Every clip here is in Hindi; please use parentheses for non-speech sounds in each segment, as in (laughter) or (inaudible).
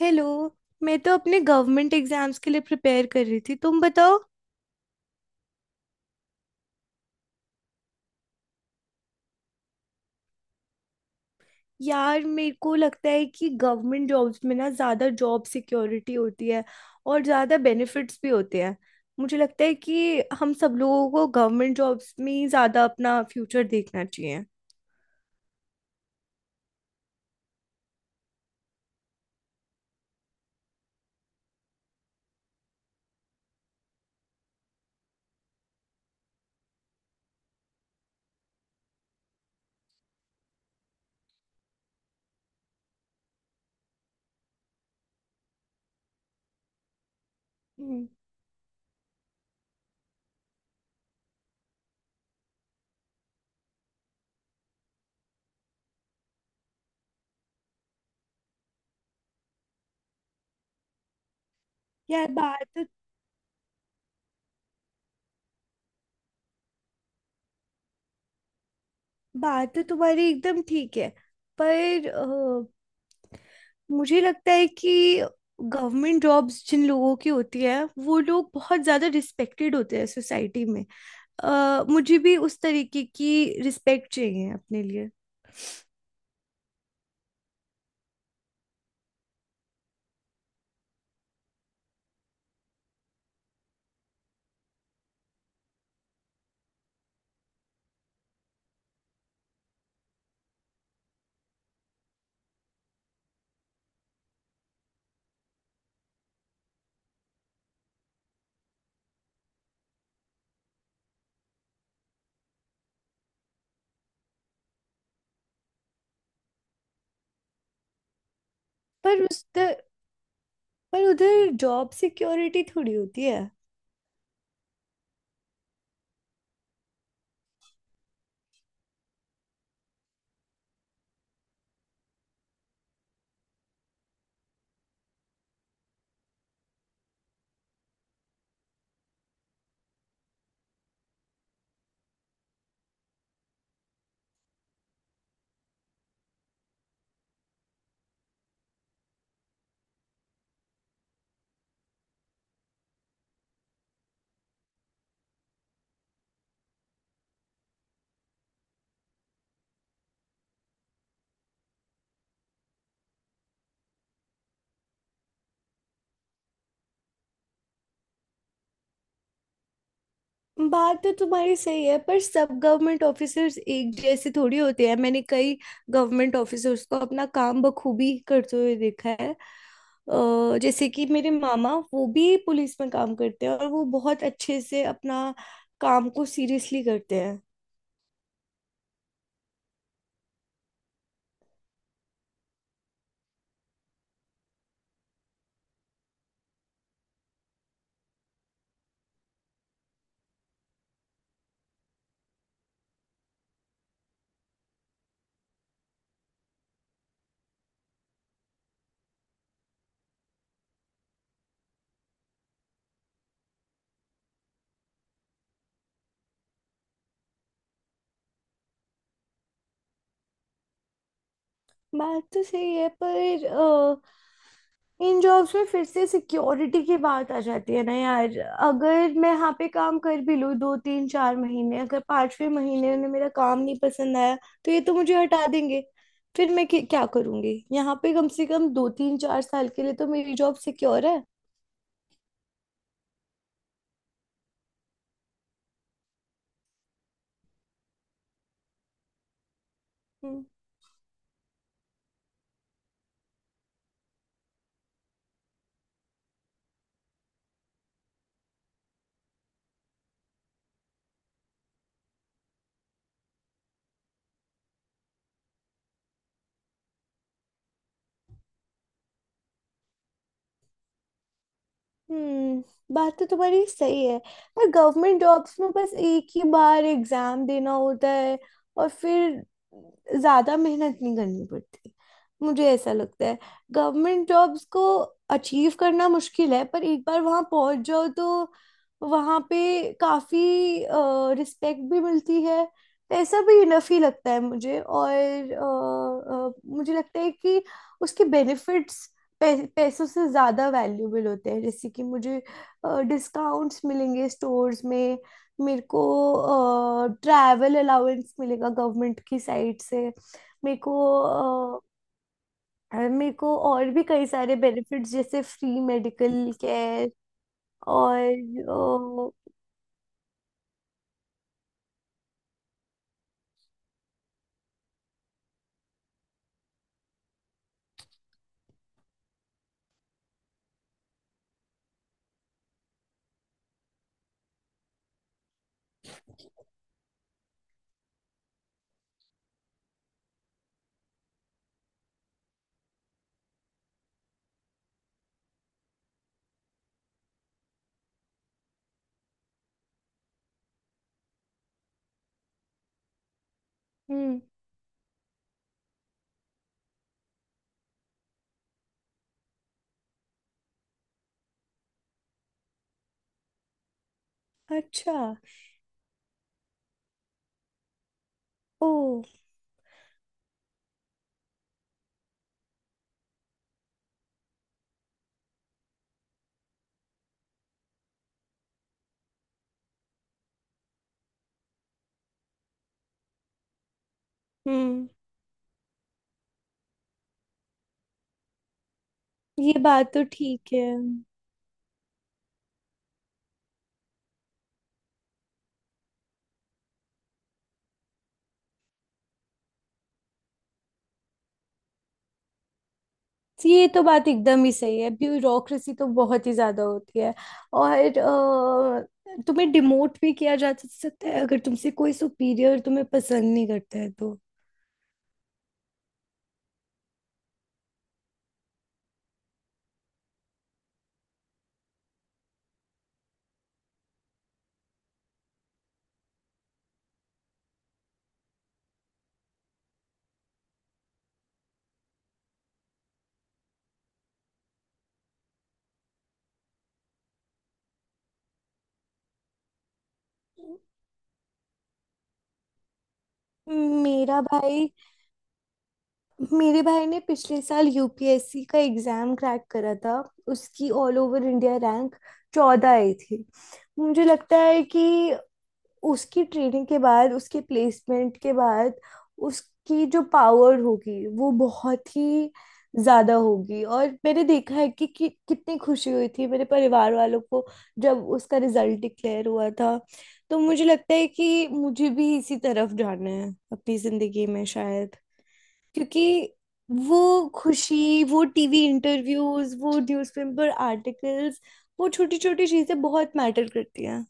हेलो। मैं तो अपने गवर्नमेंट एग्जाम्स के लिए प्रिपेयर कर रही थी, तुम बताओ। यार मेरे को लगता है कि गवर्नमेंट जॉब्स में ना ज़्यादा जॉब सिक्योरिटी होती है और ज़्यादा बेनिफिट्स भी होते हैं। मुझे लगता है कि हम सब लोगों को गवर्नमेंट जॉब्स में ही ज़्यादा अपना फ्यूचर देखना चाहिए। हम्म। यार बात बात तो तुम्हारी एकदम ठीक है, पर मुझे लगता है कि गवर्नमेंट जॉब्स जिन लोगों की होती है वो लोग बहुत ज़्यादा रिस्पेक्टेड होते हैं सोसाइटी में। मुझे भी उस तरीके की रिस्पेक्ट चाहिए अपने लिए। पर उस तर, पर उधर जॉब सिक्योरिटी थोड़ी होती है। बात तो तुम्हारी सही है, पर सब गवर्नमेंट ऑफिसर्स एक जैसे थोड़ी होते हैं। मैंने कई गवर्नमेंट ऑफिसर्स को अपना काम बखूबी करते हुए देखा है। जैसे कि मेरे मामा, वो भी पुलिस में काम करते हैं और वो बहुत अच्छे से अपना काम को सीरियसली करते हैं। बात तो सही है, पर इन जॉब्स में फिर से सिक्योरिटी की बात आ जाती है ना यार। अगर मैं यहाँ पे काम कर भी लूँ दो तीन चार महीने, अगर पांचवें महीने में मेरा काम नहीं पसंद आया तो ये तो मुझे हटा देंगे। फिर मैं क्या क्या करूँगी? यहाँ पे कम से कम दो तीन चार साल के लिए तो मेरी जॉब सिक्योर है। हम्म। हम्म। बात तो तुम्हारी सही है, पर गवर्नमेंट जॉब्स में बस एक ही बार एग्जाम देना होता है और फिर ज्यादा मेहनत नहीं करनी पड़ती, मुझे ऐसा लगता है। गवर्नमेंट जॉब्स को अचीव करना मुश्किल है, पर एक बार वहां पहुंच जाओ तो वहां पे काफी रिस्पेक्ट भी मिलती है। पैसा भी इनफ ही लगता है मुझे, और मुझे लगता है कि उसके बेनिफिट्स पैसों से ज़्यादा वैल्यूबल होते हैं, जैसे कि मुझे डिस्काउंट्स मिलेंगे स्टोर्स में। मेरे को ट्रैवल अलाउंस मिलेगा गवर्नमेंट की साइड से। मेरे को अ, मेरे को और भी कई सारे बेनिफिट्स, जैसे फ्री मेडिकल केयर और। अ, हम्म। अच्छा। ओ। हम्म। ये बात तो ठीक है। तो ये तो बात एकदम ही सही है, ब्यूरोक्रेसी तो बहुत ही ज्यादा होती है। और तुम्हें डिमोट भी किया जा सकता है, अगर तुमसे कोई सुपीरियर तुम्हें पसंद नहीं करता है तो। मेरा भाई मेरे भाई ने पिछले साल यूपीएससी का एग्जाम क्रैक करा था। उसकी ऑल ओवर इंडिया रैंक 14 आई थी। मुझे लगता है कि उसकी ट्रेनिंग के बाद, उसके प्लेसमेंट के बाद उसकी जो पावर होगी वो बहुत ही ज्यादा होगी। और मैंने देखा है कि कितनी खुशी हुई थी मेरे परिवार वालों को जब उसका रिजल्ट डिक्लेयर हुआ था। तो मुझे लगता है कि मुझे भी इसी तरफ जाना है अपनी जिंदगी में शायद, क्योंकि वो खुशी, वो टीवी इंटरव्यूज, वो न्यूज़पेपर आर्टिकल्स, वो छोटी छोटी चीजें बहुत मैटर करती हैं।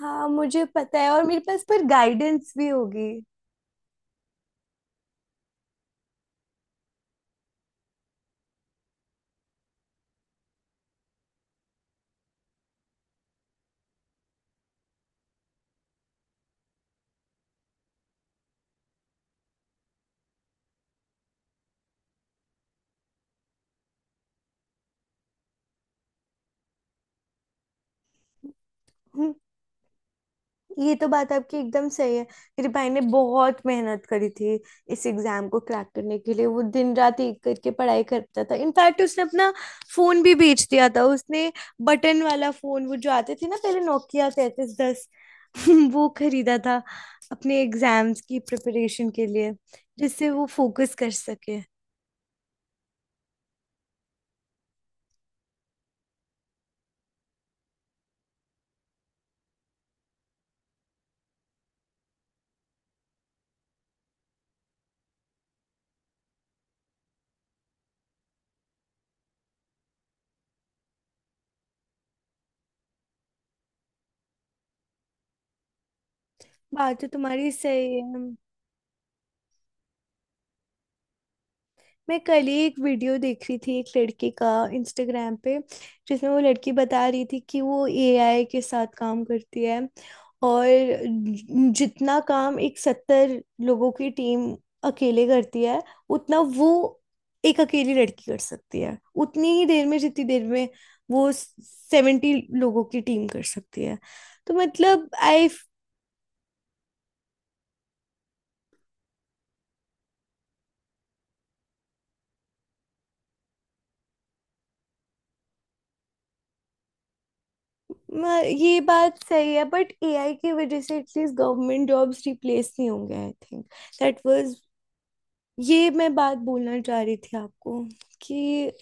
हाँ, मुझे पता है, और मेरे पास पर गाइडेंस भी होगी। हम्म। ये तो बात आपकी एकदम सही है। मेरे भाई ने बहुत मेहनत करी थी इस एग्जाम को क्रैक करने के लिए। वो दिन रात एक करके पढ़ाई करता था, इनफैक्ट उसने अपना फोन भी बेच दिया था। उसने बटन वाला फोन, वो जो आते थे ना पहले नोकिया 3310, (laughs) वो खरीदा था अपने एग्जाम्स की प्रिपरेशन के लिए जिससे वो फोकस कर सके। बात तो तुम्हारी सही है। मैं कल ही एक वीडियो देख रही थी एक लड़की का, इंस्टाग्राम पे, जिसमें वो लड़की बता रही थी कि वो एआई के साथ काम करती है, और जितना काम एक 70 लोगों की टीम अकेले करती है उतना वो एक अकेली लड़की कर सकती है, उतनी ही देर में जितनी देर में वो 70 लोगों की टीम कर सकती है। तो मतलब ये बात सही है, बट एआई की वजह से एटलीस्ट गवर्नमेंट जॉब्स रिप्लेस नहीं होंगे आई थिंक। दैट वाज ये मैं बात बोलना चाह रही थी आपको, कि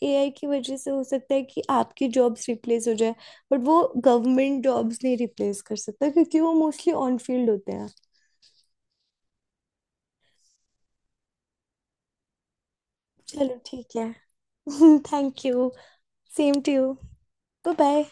एआई की वजह से हो सकता है कि आपकी जॉब्स रिप्लेस हो जाए, बट वो गवर्नमेंट जॉब्स नहीं रिप्लेस कर सकता क्योंकि वो मोस्टली ऑन फील्ड होते हैं। चलो ठीक है। (laughs) Thank you. Same to you. Bye bye.